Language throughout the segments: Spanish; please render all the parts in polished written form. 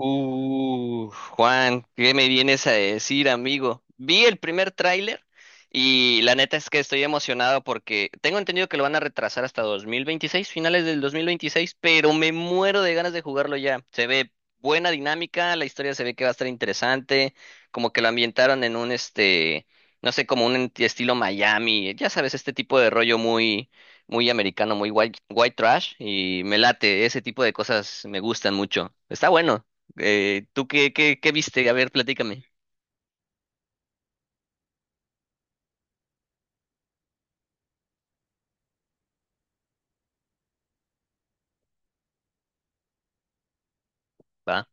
Uh, Juan, ¿qué me vienes a decir, amigo? Vi el primer tráiler y la neta es que estoy emocionado porque tengo entendido que lo van a retrasar hasta 2026, finales del 2026, pero me muero de ganas de jugarlo ya. Se ve buena dinámica, la historia se ve que va a estar interesante, como que lo ambientaron en un no sé, como un estilo Miami, ya sabes, este tipo de rollo muy muy americano, muy white, white trash y me late, ese tipo de cosas me gustan mucho. Está bueno. ¿Tú qué viste? A ver, platícame. Va.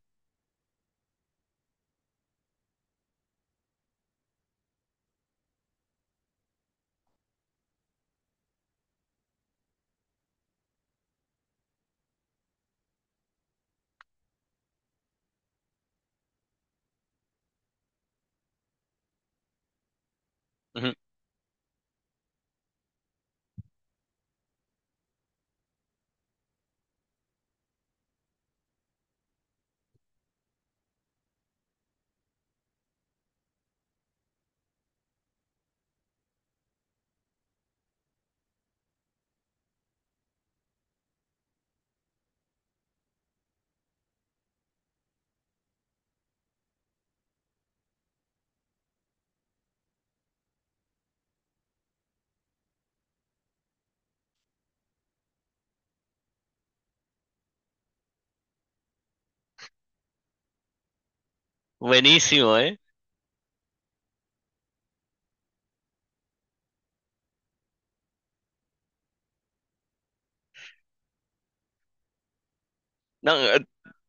Ujú. Buenísimo, ¿eh? No,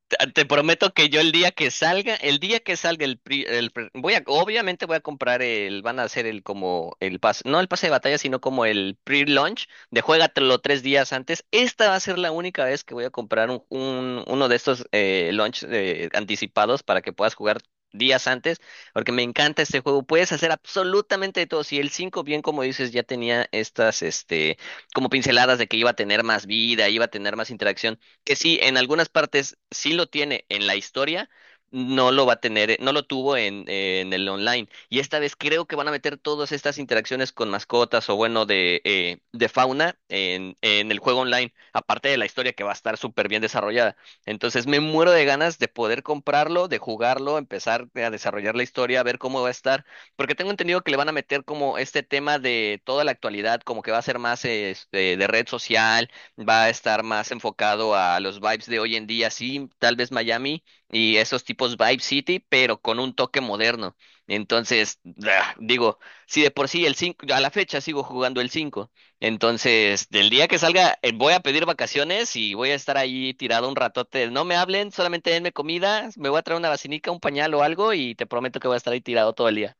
Te prometo que yo el día que salga, el día que salga el, pri- el pre- obviamente voy a comprar el, van a hacer el como el pase, no el pase de batalla, sino como el pre-launch de juégatelo 3 días antes. Esta va a ser la única vez que voy a comprar uno de estos launch anticipados para que puedas jugar días antes, porque me encanta este juego. Puedes hacer absolutamente de todo. Si el 5 bien como dices, ya tenía estas, como pinceladas de que iba a tener más vida, iba a tener más interacción que sí, en algunas partes sí lo tiene en la historia, no lo va a tener, no lo tuvo en el online. Y esta vez creo que van a meter todas estas interacciones con mascotas o bueno, de fauna en el juego online, aparte de la historia que va a estar súper bien desarrollada. Entonces me muero de ganas de poder comprarlo, de jugarlo, empezar a desarrollar la historia, a ver cómo va a estar, porque tengo entendido que le van a meter como este tema de toda la actualidad, como que va a ser más de red social, va a estar más enfocado a los vibes de hoy en día, sí, tal vez Miami y esos tipos Vibe City, pero con un toque moderno. Entonces, digo, si de por sí el cinco, a la fecha sigo jugando el 5, entonces del día que salga voy a pedir vacaciones y voy a estar ahí tirado un ratote. No me hablen, solamente denme comida, me voy a traer una vacinica, un pañal o algo y te prometo que voy a estar ahí tirado todo el día.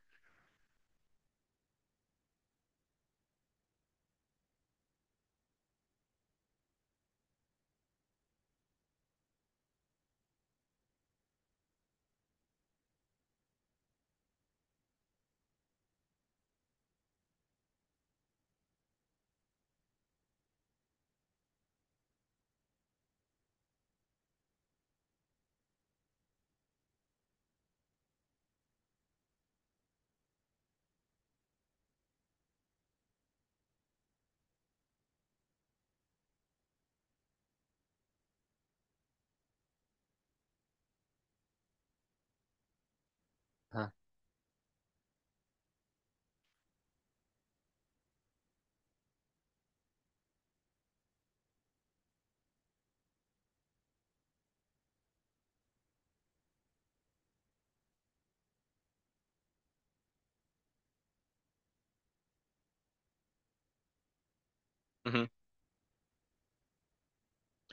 Ajá.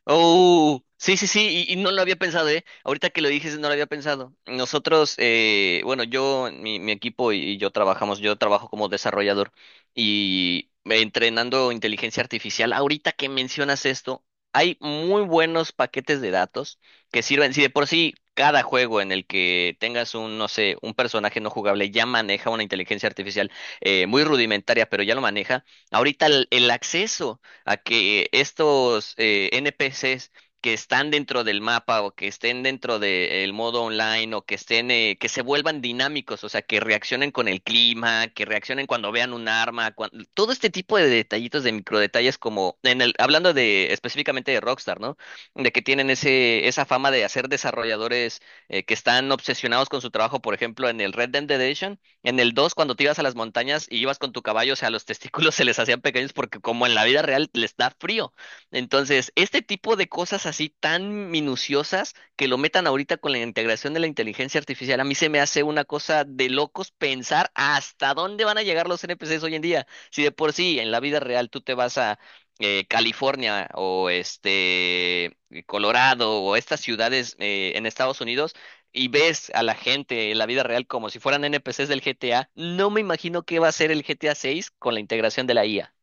Oh, sí, sí, sí, y no lo había pensado, ¿eh? Ahorita que lo dices, no lo había pensado. Nosotros, bueno, yo, mi equipo y yo trabajamos, yo trabajo como desarrollador y entrenando inteligencia artificial. Ahorita que mencionas esto, hay muy buenos paquetes de datos que sirven. Si de por sí cada juego en el que tengas un, no sé, un personaje no jugable ya maneja una inteligencia artificial muy rudimentaria, pero ya lo maneja. Ahorita el acceso a que estos NPCs que están dentro del mapa o que estén dentro del modo online o que estén, que se vuelvan dinámicos, o sea, que reaccionen con el clima, que reaccionen cuando vean un arma, todo este tipo de detallitos, de microdetalles como en el, hablando de específicamente de Rockstar, ¿no? De que tienen ese, esa fama de hacer desarrolladores que están obsesionados con su trabajo. Por ejemplo, en el Red Dead Redemption, en el dos, cuando te ibas a las montañas y ibas con tu caballo, o sea, los testículos se les hacían pequeños porque, como en la vida real, les da frío. Entonces, este tipo de cosas así tan minuciosas que lo metan ahorita con la integración de la inteligencia artificial, a mí se me hace una cosa de locos pensar hasta dónde van a llegar los NPCs hoy en día. Si de por sí en la vida real tú te vas a California o Colorado o estas ciudades en Estados Unidos y ves a la gente en la vida real como si fueran NPCs del GTA, no me imagino qué va a ser el GTA 6 con la integración de la IA.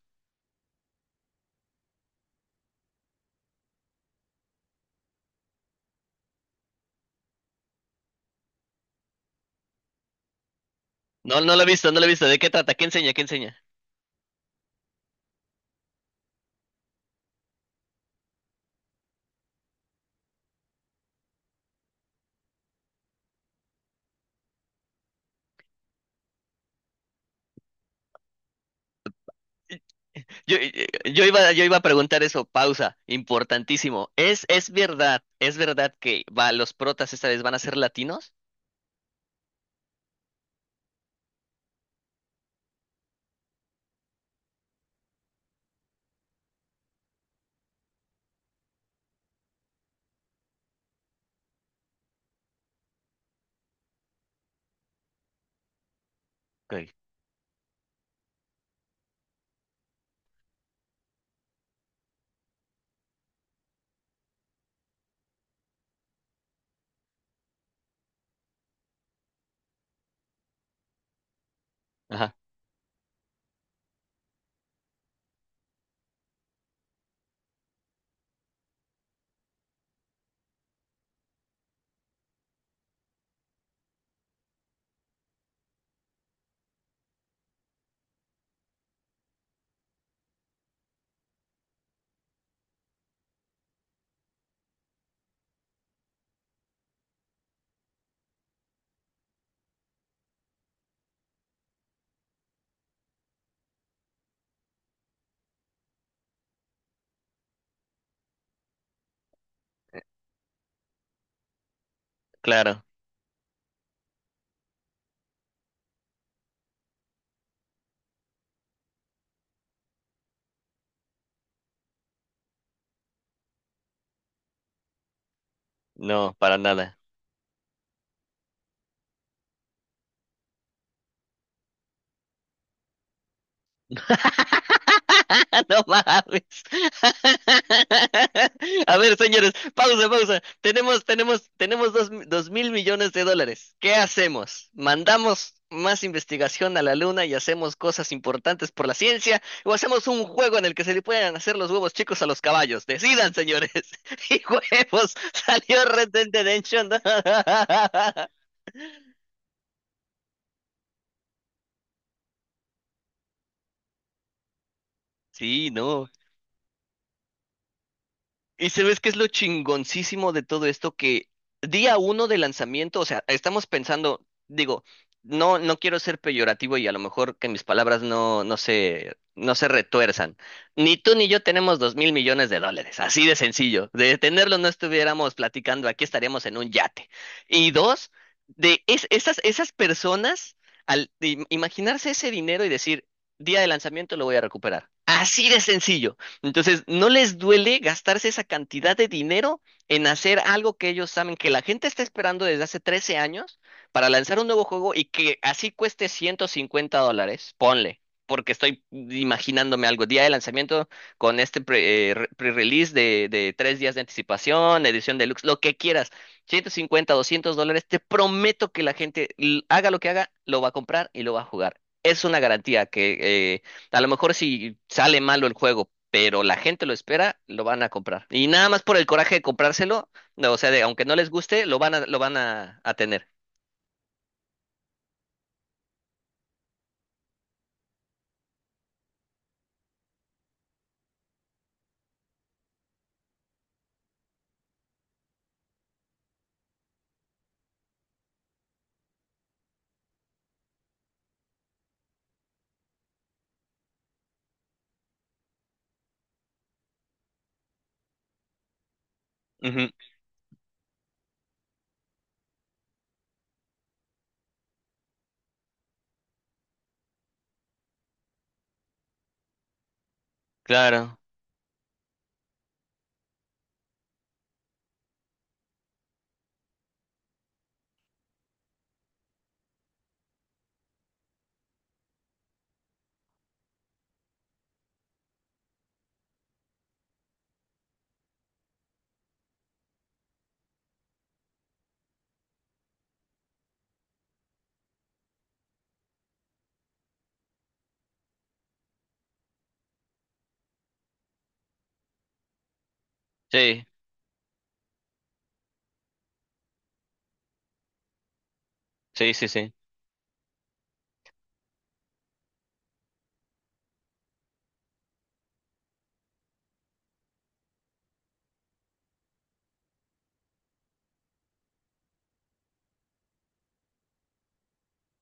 No, no lo he visto, no lo he visto. ¿De qué trata? ¿Qué enseña? ¿Qué enseña? Yo, yo iba a preguntar eso, pausa, importantísimo. ¿Es, es verdad que va, los protas esta vez van a ser latinos? Ok. Ajá, claro, no, para nada. No mames. A ver, señores, pausa, pausa. Tenemos dos mil millones de dólares. ¿Qué hacemos? ¿Mandamos más investigación a la luna y hacemos cosas importantes por la ciencia? ¿O hacemos un juego en el que se le puedan hacer los huevos chicos a los caballos? Decidan, señores. Y huevos, salió Red Dead Redemption. Sí, no. ¿Y sabes qué es lo chingoncísimo de todo esto? Que día uno de lanzamiento, o sea, estamos pensando, digo, no, no quiero ser peyorativo y a lo mejor que mis palabras no, no se retuerzan. Ni tú ni yo tenemos 2000 millones de dólares, así de sencillo. De tenerlo, no estuviéramos platicando, aquí estaríamos en un yate. Y dos, de esas, esas personas, al imaginarse ese dinero y decir, día de lanzamiento lo voy a recuperar. Así de sencillo. Entonces, no les duele gastarse esa cantidad de dinero en hacer algo que ellos saben que la gente está esperando desde hace 13 años, para lanzar un nuevo juego y que así cueste $150. Ponle, porque estoy imaginándome algo. Día de lanzamiento con este pre-release de, 3 días de anticipación, edición deluxe, lo que quieras. 150, $200. Te prometo que la gente, haga lo que haga, lo va a comprar y lo va a jugar. Es una garantía que, eh, a lo mejor si sale malo el juego, pero la gente lo espera, lo van a comprar. Y nada más por el coraje de comprárselo, no, o sea, de, aunque no les guste, lo van a, a tener. Ujú, claro, sí, sí, sí, sí,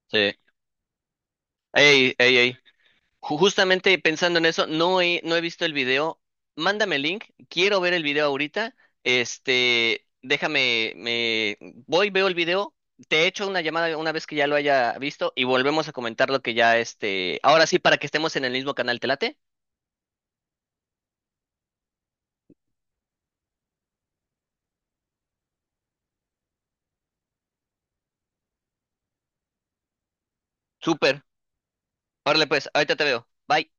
sí. Ey, ey, ey. Justamente pensando en eso, no he visto el video. Mándame el link. Quiero ver el video ahorita. Déjame, me voy, veo el video. Te echo una llamada una vez que ya lo haya visto y volvemos a comentar lo que ya este. Ahora sí, para que estemos en el mismo canal, ¿te late? Súper. Órale, pues, ahorita te veo. Bye.